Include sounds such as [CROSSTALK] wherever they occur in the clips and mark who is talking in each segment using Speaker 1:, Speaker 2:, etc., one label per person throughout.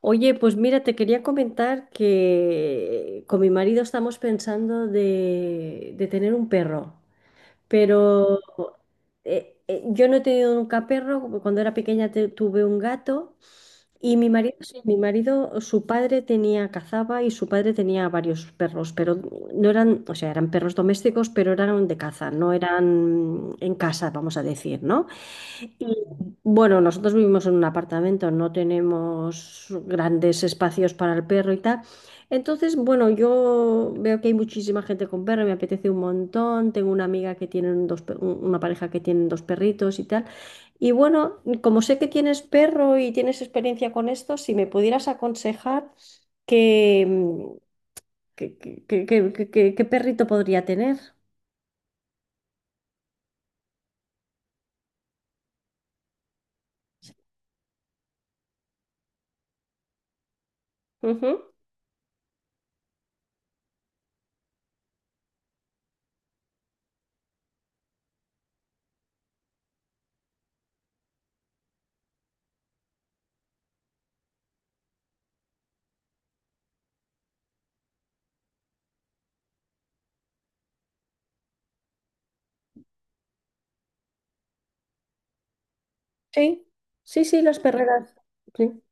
Speaker 1: Oye, pues mira, te quería comentar que con mi marido estamos pensando de tener un perro, pero yo no he tenido nunca perro. Cuando era pequeña tuve un gato, y mi marido, sí, mi marido, su padre tenía, cazaba, y su padre tenía varios perros, pero no eran, o sea, eran perros domésticos, pero eran de caza, no eran en casa, vamos a decir, ¿no? Bueno, nosotros vivimos en un apartamento, no tenemos grandes espacios para el perro y tal. Entonces, bueno, yo veo que hay muchísima gente con perro, me apetece un montón. Tengo una amiga que tiene dos, una pareja que tienen dos perritos y tal. Y bueno, como sé que tienes perro y tienes experiencia con esto, si me pudieras aconsejar que, qué perrito podría tener. Ujú. Sí, sí, sí, las perreras. Sí.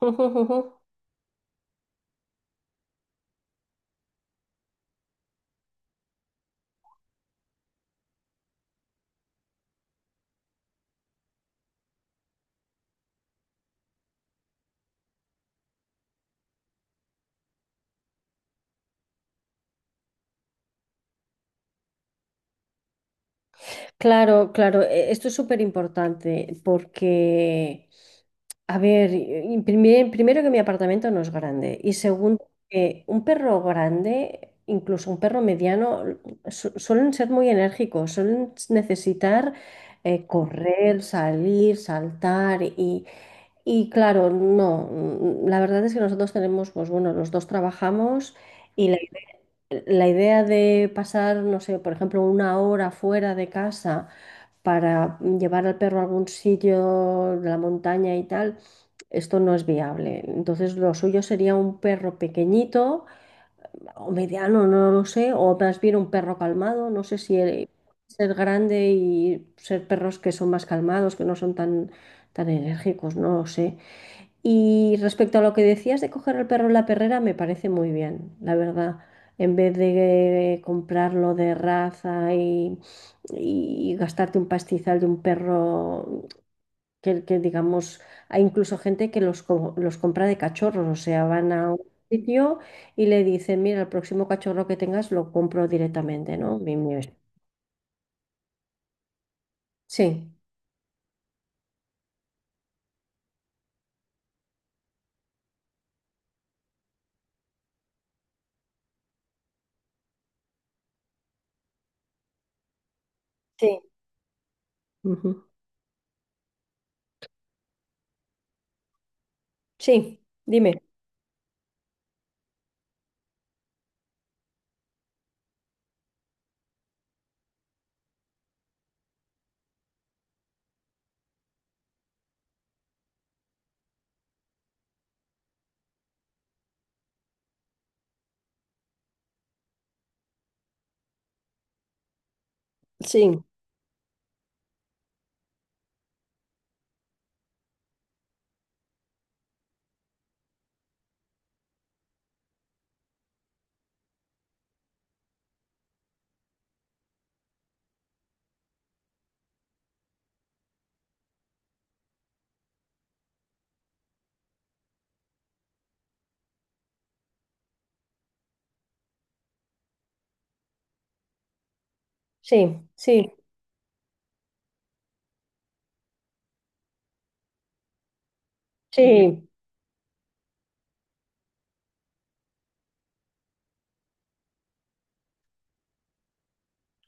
Speaker 1: [LAUGHS] Claro, claro, esto es súper importante porque, a ver, y primero, que mi apartamento no es grande, y segundo, que un perro grande, incluso un perro mediano, suelen ser muy enérgicos, suelen necesitar correr, salir, saltar y claro, no, la verdad es que nosotros tenemos, pues bueno, los dos trabajamos. La idea de pasar, no sé, por ejemplo, una hora fuera de casa para llevar al perro a algún sitio, la montaña y tal, esto no es viable. Entonces, lo suyo sería un perro pequeñito o mediano, no lo sé, o más bien un perro calmado, no sé si ser grande y ser perros que son más calmados, que no son tan, tan enérgicos, no lo sé. Y respecto a lo que decías de coger al perro en la perrera, me parece muy bien, la verdad. En vez de comprarlo de raza y gastarte un pastizal de un perro que, digamos, hay incluso gente que los, los compra de cachorros, o sea, van a un sitio y le dicen, mira, el próximo cachorro que tengas lo compro directamente, ¿no? Sí. Sí. Ujú. Sí, dime. Sí, sí, sí, sí.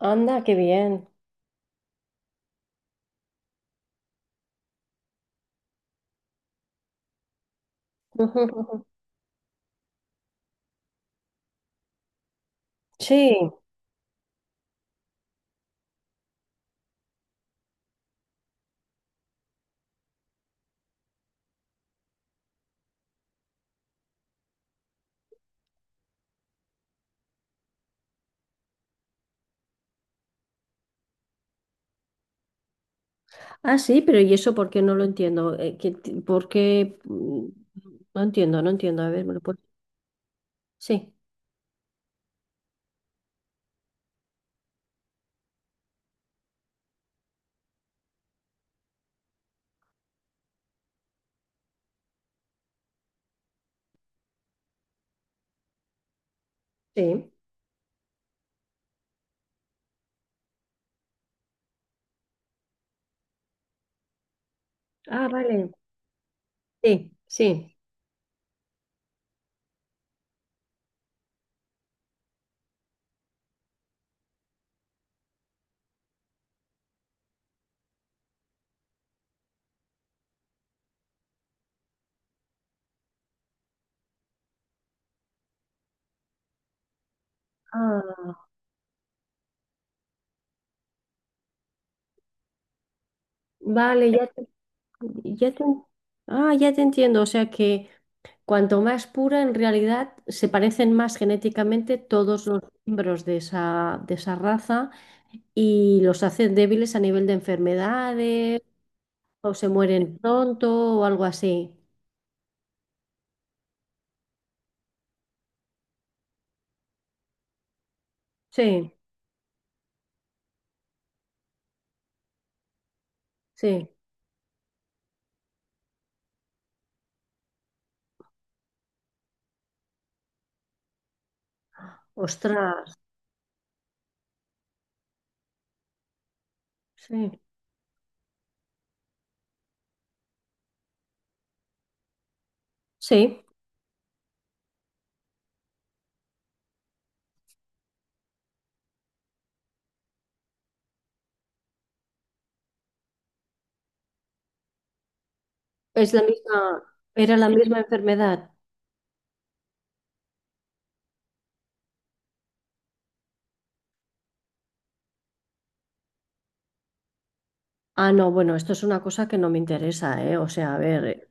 Speaker 1: Anda, qué bien. [LAUGHS] Ujú, ujú. Sí. Ah, sí, pero ¿y eso por qué? No lo entiendo. ¿Por qué? No entiendo, no entiendo. A ver, ¿me lo puedes- Sí, sí. Ah, vale. Sí, sí. Ah, vale, ya te- ah, ya te entiendo. O sea que cuanto más pura, en realidad se parecen más genéticamente todos los miembros de esa raza, y los hacen débiles a nivel de enfermedades, o se mueren pronto o algo así. Sí. Sí, ostras, sí, sí, es la misma, era la misma enfermedad. Ah, no, bueno, esto es una cosa que no me interesa, ¿eh? O sea, a ver,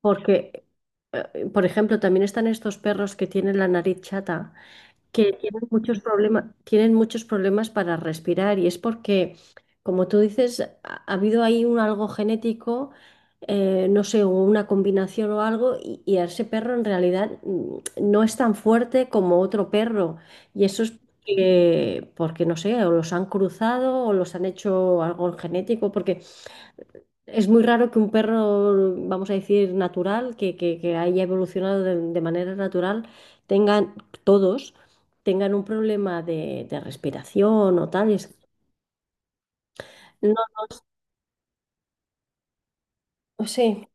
Speaker 1: porque, por ejemplo, también están estos perros que tienen la nariz chata, que tienen muchos problemas para respirar, y es porque, como tú dices, ha habido ahí un algo genético, no sé, una combinación o algo, y a ese perro en realidad no es tan fuerte como otro perro. Y eso es porque, porque, no sé, o los han cruzado o los han hecho algo genético, porque es muy raro que un perro, vamos a decir, natural, que, que haya evolucionado de manera natural, tengan todos, tengan un problema de respiración o tal. Es- no, sí,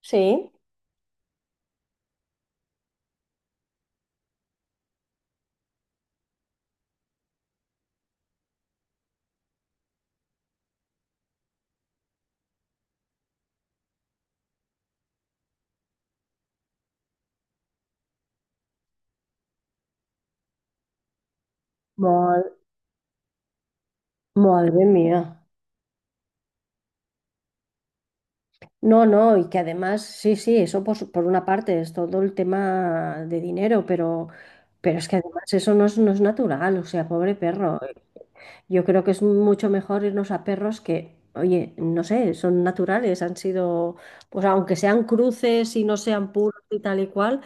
Speaker 1: sí. Ma- Madre mía. No, no, y que además, sí, sí, eso por, por una parte es todo el tema de dinero, pero es que además eso no es, no es natural, o sea, pobre perro. Yo creo que es mucho mejor irnos a perros que, oye, no sé, son naturales, han sido, pues aunque sean cruces y no sean puros y tal y cual,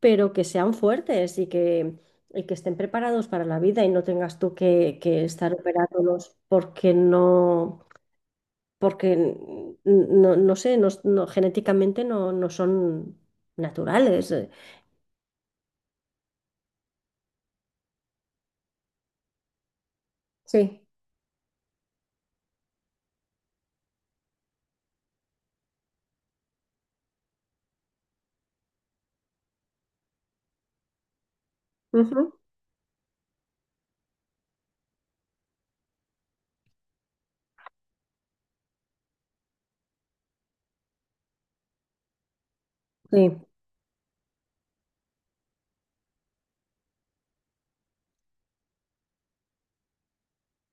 Speaker 1: pero que sean fuertes y que estén preparados para la vida, y no tengas tú que estar operándolos, porque no, porque no, no sé, genéticamente no, no son naturales. Sí. Ujú. Sí,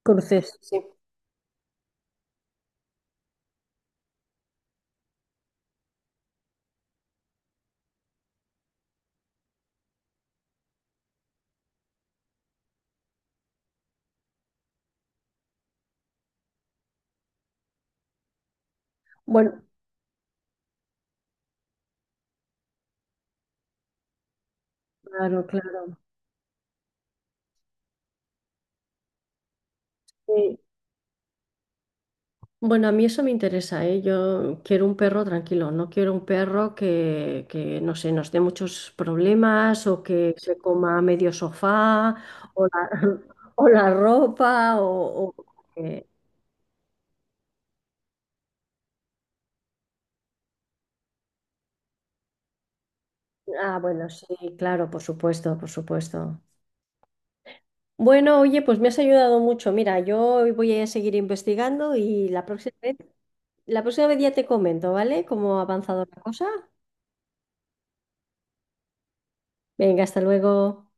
Speaker 1: cruces, sí. Bueno, claro, claro. Sí. Bueno, a mí eso me interesa, ¿eh? Yo quiero un perro tranquilo, no quiero un perro que, no sé, nos dé muchos problemas, o que se coma medio sofá o la, [LAUGHS] o la ropa o que- Ah, bueno, sí, claro, por supuesto, por supuesto. Bueno, oye, pues me has ayudado mucho. Mira, yo voy a seguir investigando, y la próxima vez ya te comento, ¿vale? Cómo ha avanzado la cosa. Venga, hasta luego.